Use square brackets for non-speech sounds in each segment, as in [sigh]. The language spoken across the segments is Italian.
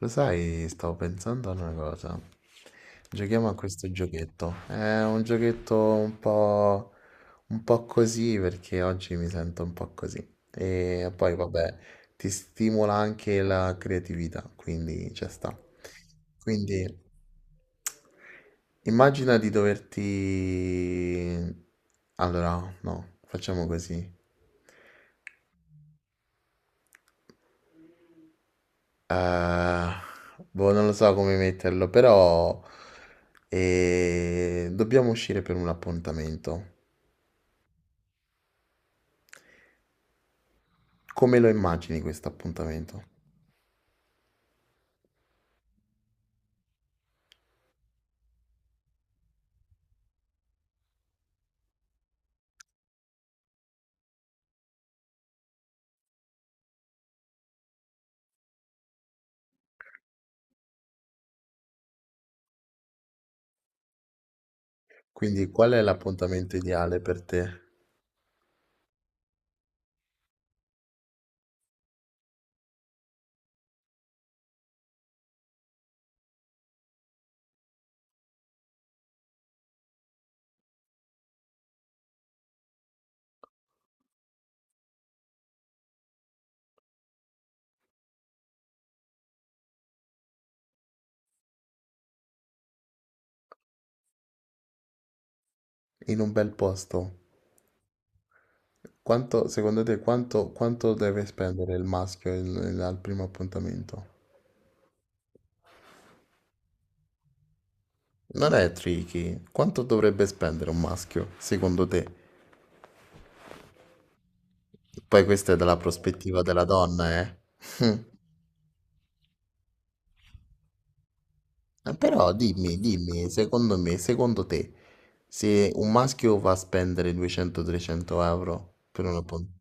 Lo sai, stavo pensando ad una cosa. Giochiamo a questo giochetto. È un giochetto un po' così perché oggi mi sento un po' così. E poi, vabbè, ti stimola anche la creatività, quindi ci sta. Quindi, immagina di doverti... Allora, no, facciamo così. Eh, boh, non lo so come metterlo, però dobbiamo uscire per un appuntamento. Come lo immagini questo appuntamento? Quindi, qual è l'appuntamento ideale per te? In un bel posto? Quanto, secondo te, quanto deve spendere il maschio al primo appuntamento? Non è tricky. Quanto dovrebbe spendere un maschio, secondo te? Poi questa è dalla prospettiva della donna, eh? [laughs] Però dimmi, secondo me, secondo te, se un maschio va a spendere 200-300 euro per una puntata,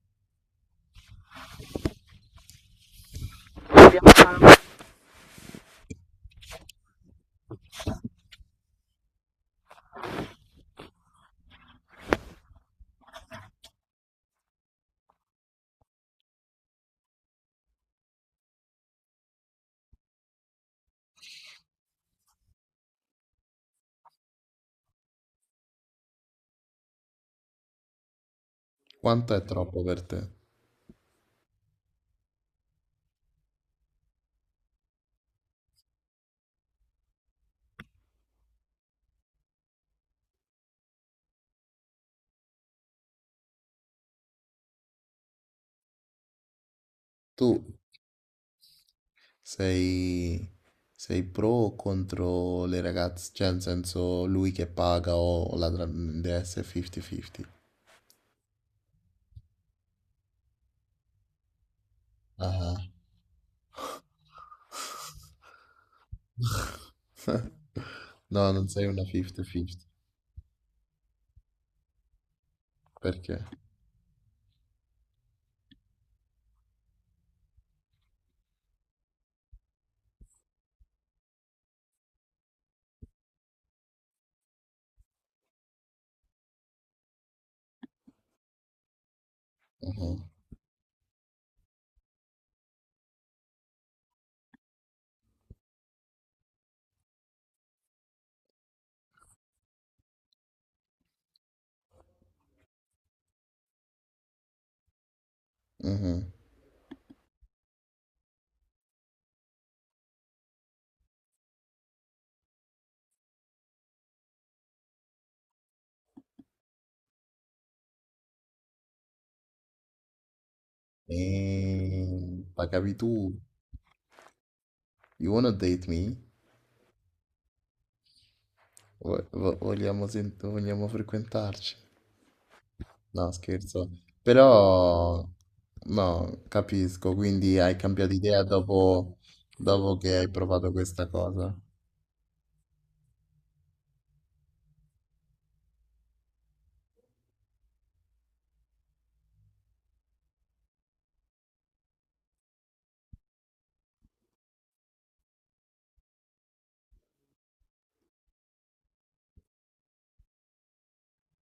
quanto è troppo per te? Tu sei, sei pro o contro le ragazze? Cioè, nel senso, lui che paga o deve essere 50-50? Ah. [laughs] No, non sei una 50-50. Perché? Mhm, mhm. Pagavi tu? You wanna date me? Vogliamo frequentarci? No, scherzo. Però, no, capisco, quindi hai cambiato idea dopo, dopo che hai provato questa cosa.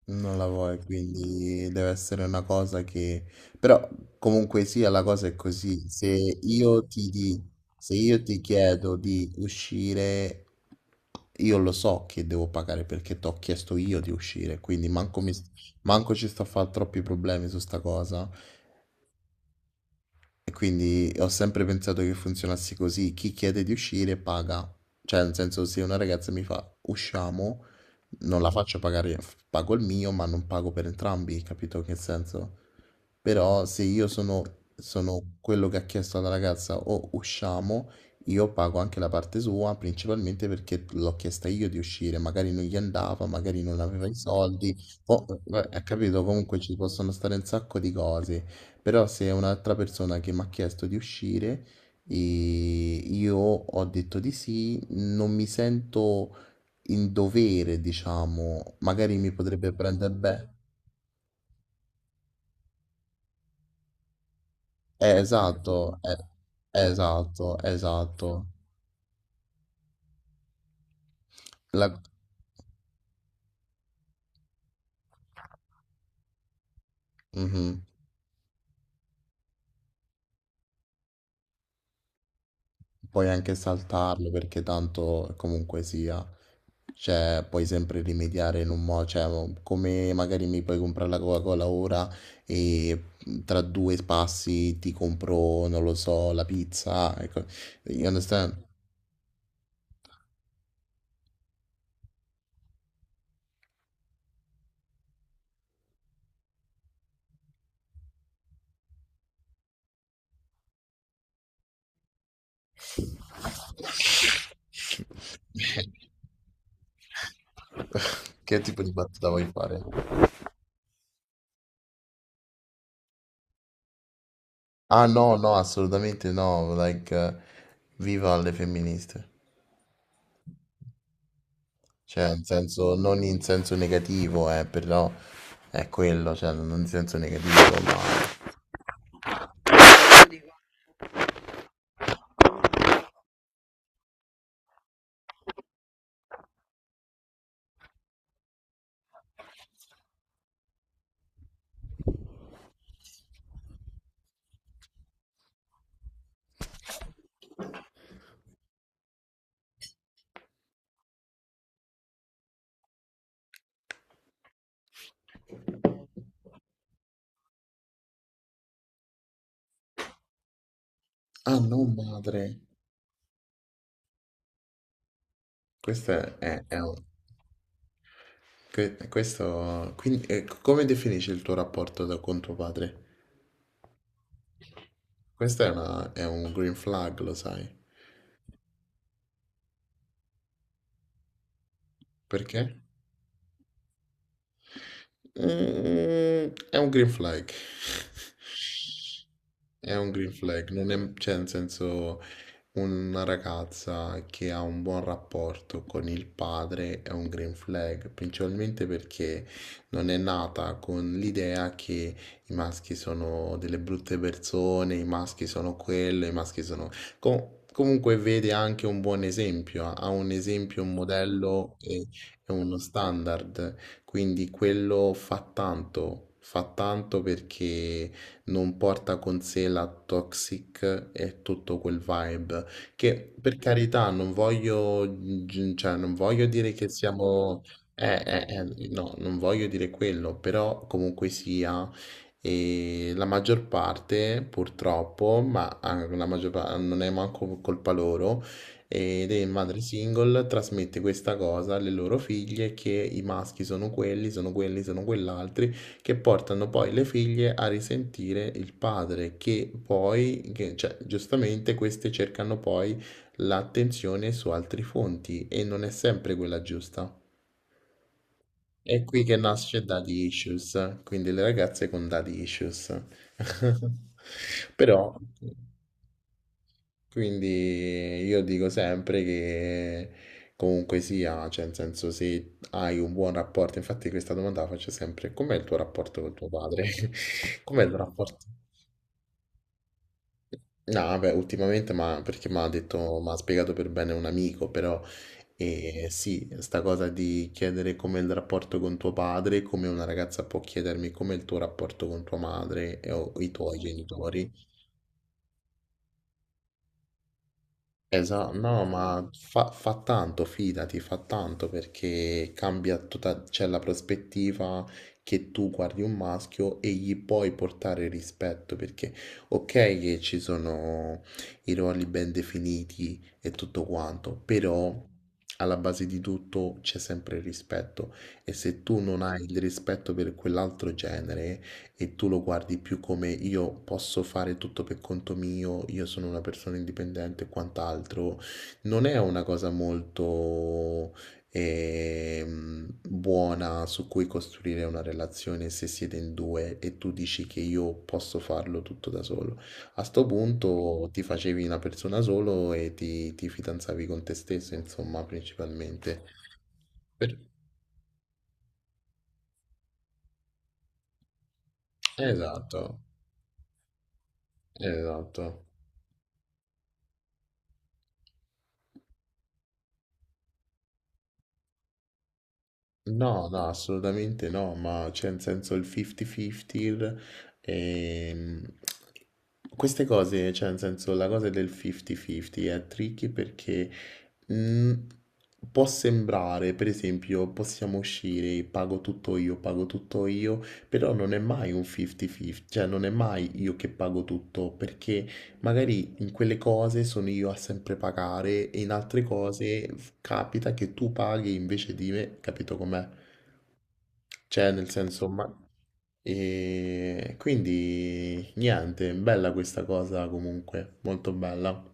Non la vuoi, quindi deve essere una cosa che... Però comunque sia, la cosa è così. Io ti, di- se io ti chiedo di uscire, io lo so che devo pagare perché ti ho chiesto io di uscire, quindi manco ci sto a fare troppi problemi su sta cosa. E quindi ho sempre pensato che funzionasse così, chi chiede di uscire paga. Cioè, nel senso, se una ragazza mi fa usciamo, non la faccio pagare, pago il mio, ma non pago per entrambi, capito che senso? Però se io sono quello che ha chiesto alla ragazza o usciamo, io pago anche la parte sua, principalmente perché l'ho chiesta io di uscire, magari non gli andava, magari non aveva i soldi, o, ha capito, comunque ci possono stare un sacco di cose, però se è un'altra persona che mi ha chiesto di uscire e io ho detto di sì, non mi sento in dovere, diciamo, magari mi potrebbe prendere bene. Esatto, esatto, esatto. La- Mhm. Puoi anche saltarlo perché tanto comunque sia, cioè puoi sempre rimediare in un modo, cioè come magari mi puoi comprare la Coca-Cola ora e tra due passi ti compro, non lo so, la pizza, ecco, you understand? [laughs] Che tipo di battuta vuoi fare? Ah no, no, assolutamente no, like, viva le femministe, cioè, in senso, non in senso negativo, però è quello, cioè, non in senso negativo, ma... Ah no, madre, questo è un- que- questo, quindi, come definisci il tuo rapporto con tuo padre? Questo è un green flag, lo sai, perché? È un green flag. [laughs] È un green flag, non è, cioè, nel senso. Una ragazza che ha un buon rapporto con il padre è un green flag, principalmente perché non è nata con l'idea che i maschi sono delle brutte persone, i maschi sono quello, i maschi sono... Comunque vede anche un buon esempio, ha un esempio, un modello e uno standard, quindi quello fa tanto perché non porta con sé la toxic e tutto quel vibe che per carità non voglio, cioè, non voglio dire che siamo, eh, eh, no, non voglio dire quello, però comunque sia, e la maggior parte purtroppo, ma anche la maggior parte non è manco colpa loro, ed è madre single, trasmette questa cosa alle loro figlie che i maschi sono quelli, sono quelli, sono quell'altro che portano poi le figlie a risentire il padre, che poi, cioè, giustamente queste cercano poi l'attenzione su altre fonti e non è sempre quella giusta. È qui che nasce Daddy Issues, quindi le ragazze con Daddy Issues. [laughs] Però quindi io dico sempre che comunque sia, cioè nel senso se hai un buon rapporto, infatti questa domanda la faccio sempre, com'è il tuo rapporto con tuo padre? [laughs] Com'è il rapporto? No, vabbè, ultimamente, ma perché mi ha detto, mi ha spiegato per bene un amico, però sì, sta cosa di chiedere com'è il rapporto con tuo padre, come una ragazza può chiedermi com'è il tuo rapporto con tua madre o i tuoi genitori. Esatto, no, ma fa tanto, fidati, fa tanto perché cambia tutta, c'è la prospettiva che tu guardi un maschio e gli puoi portare rispetto, perché ok che ci sono i ruoli ben definiti e tutto quanto, però alla base di tutto c'è sempre il rispetto e se tu non hai il rispetto per quell'altro genere, e tu lo guardi più come io posso fare tutto per conto mio, io sono una persona indipendente e quant'altro, non è una cosa molto buona su cui costruire una relazione se siete in due e tu dici che io posso farlo tutto da solo. A sto punto ti facevi una persona solo e ti fidanzavi con te stesso, insomma, principalmente. Per- Esatto, esatto. No, no, assolutamente no, ma c'è in senso il 50-50, ehm, queste cose, cioè nel senso la cosa del 50-50 è tricky perché mm, può sembrare, per esempio, possiamo uscire, pago tutto io, però non è mai un 50-50, cioè non è mai io che pago tutto, perché magari in quelle cose sono io a sempre pagare e in altre cose capita che tu paghi invece di me, capito com'è? Cioè, nel senso, ma... E quindi niente, bella questa cosa comunque, molto bella.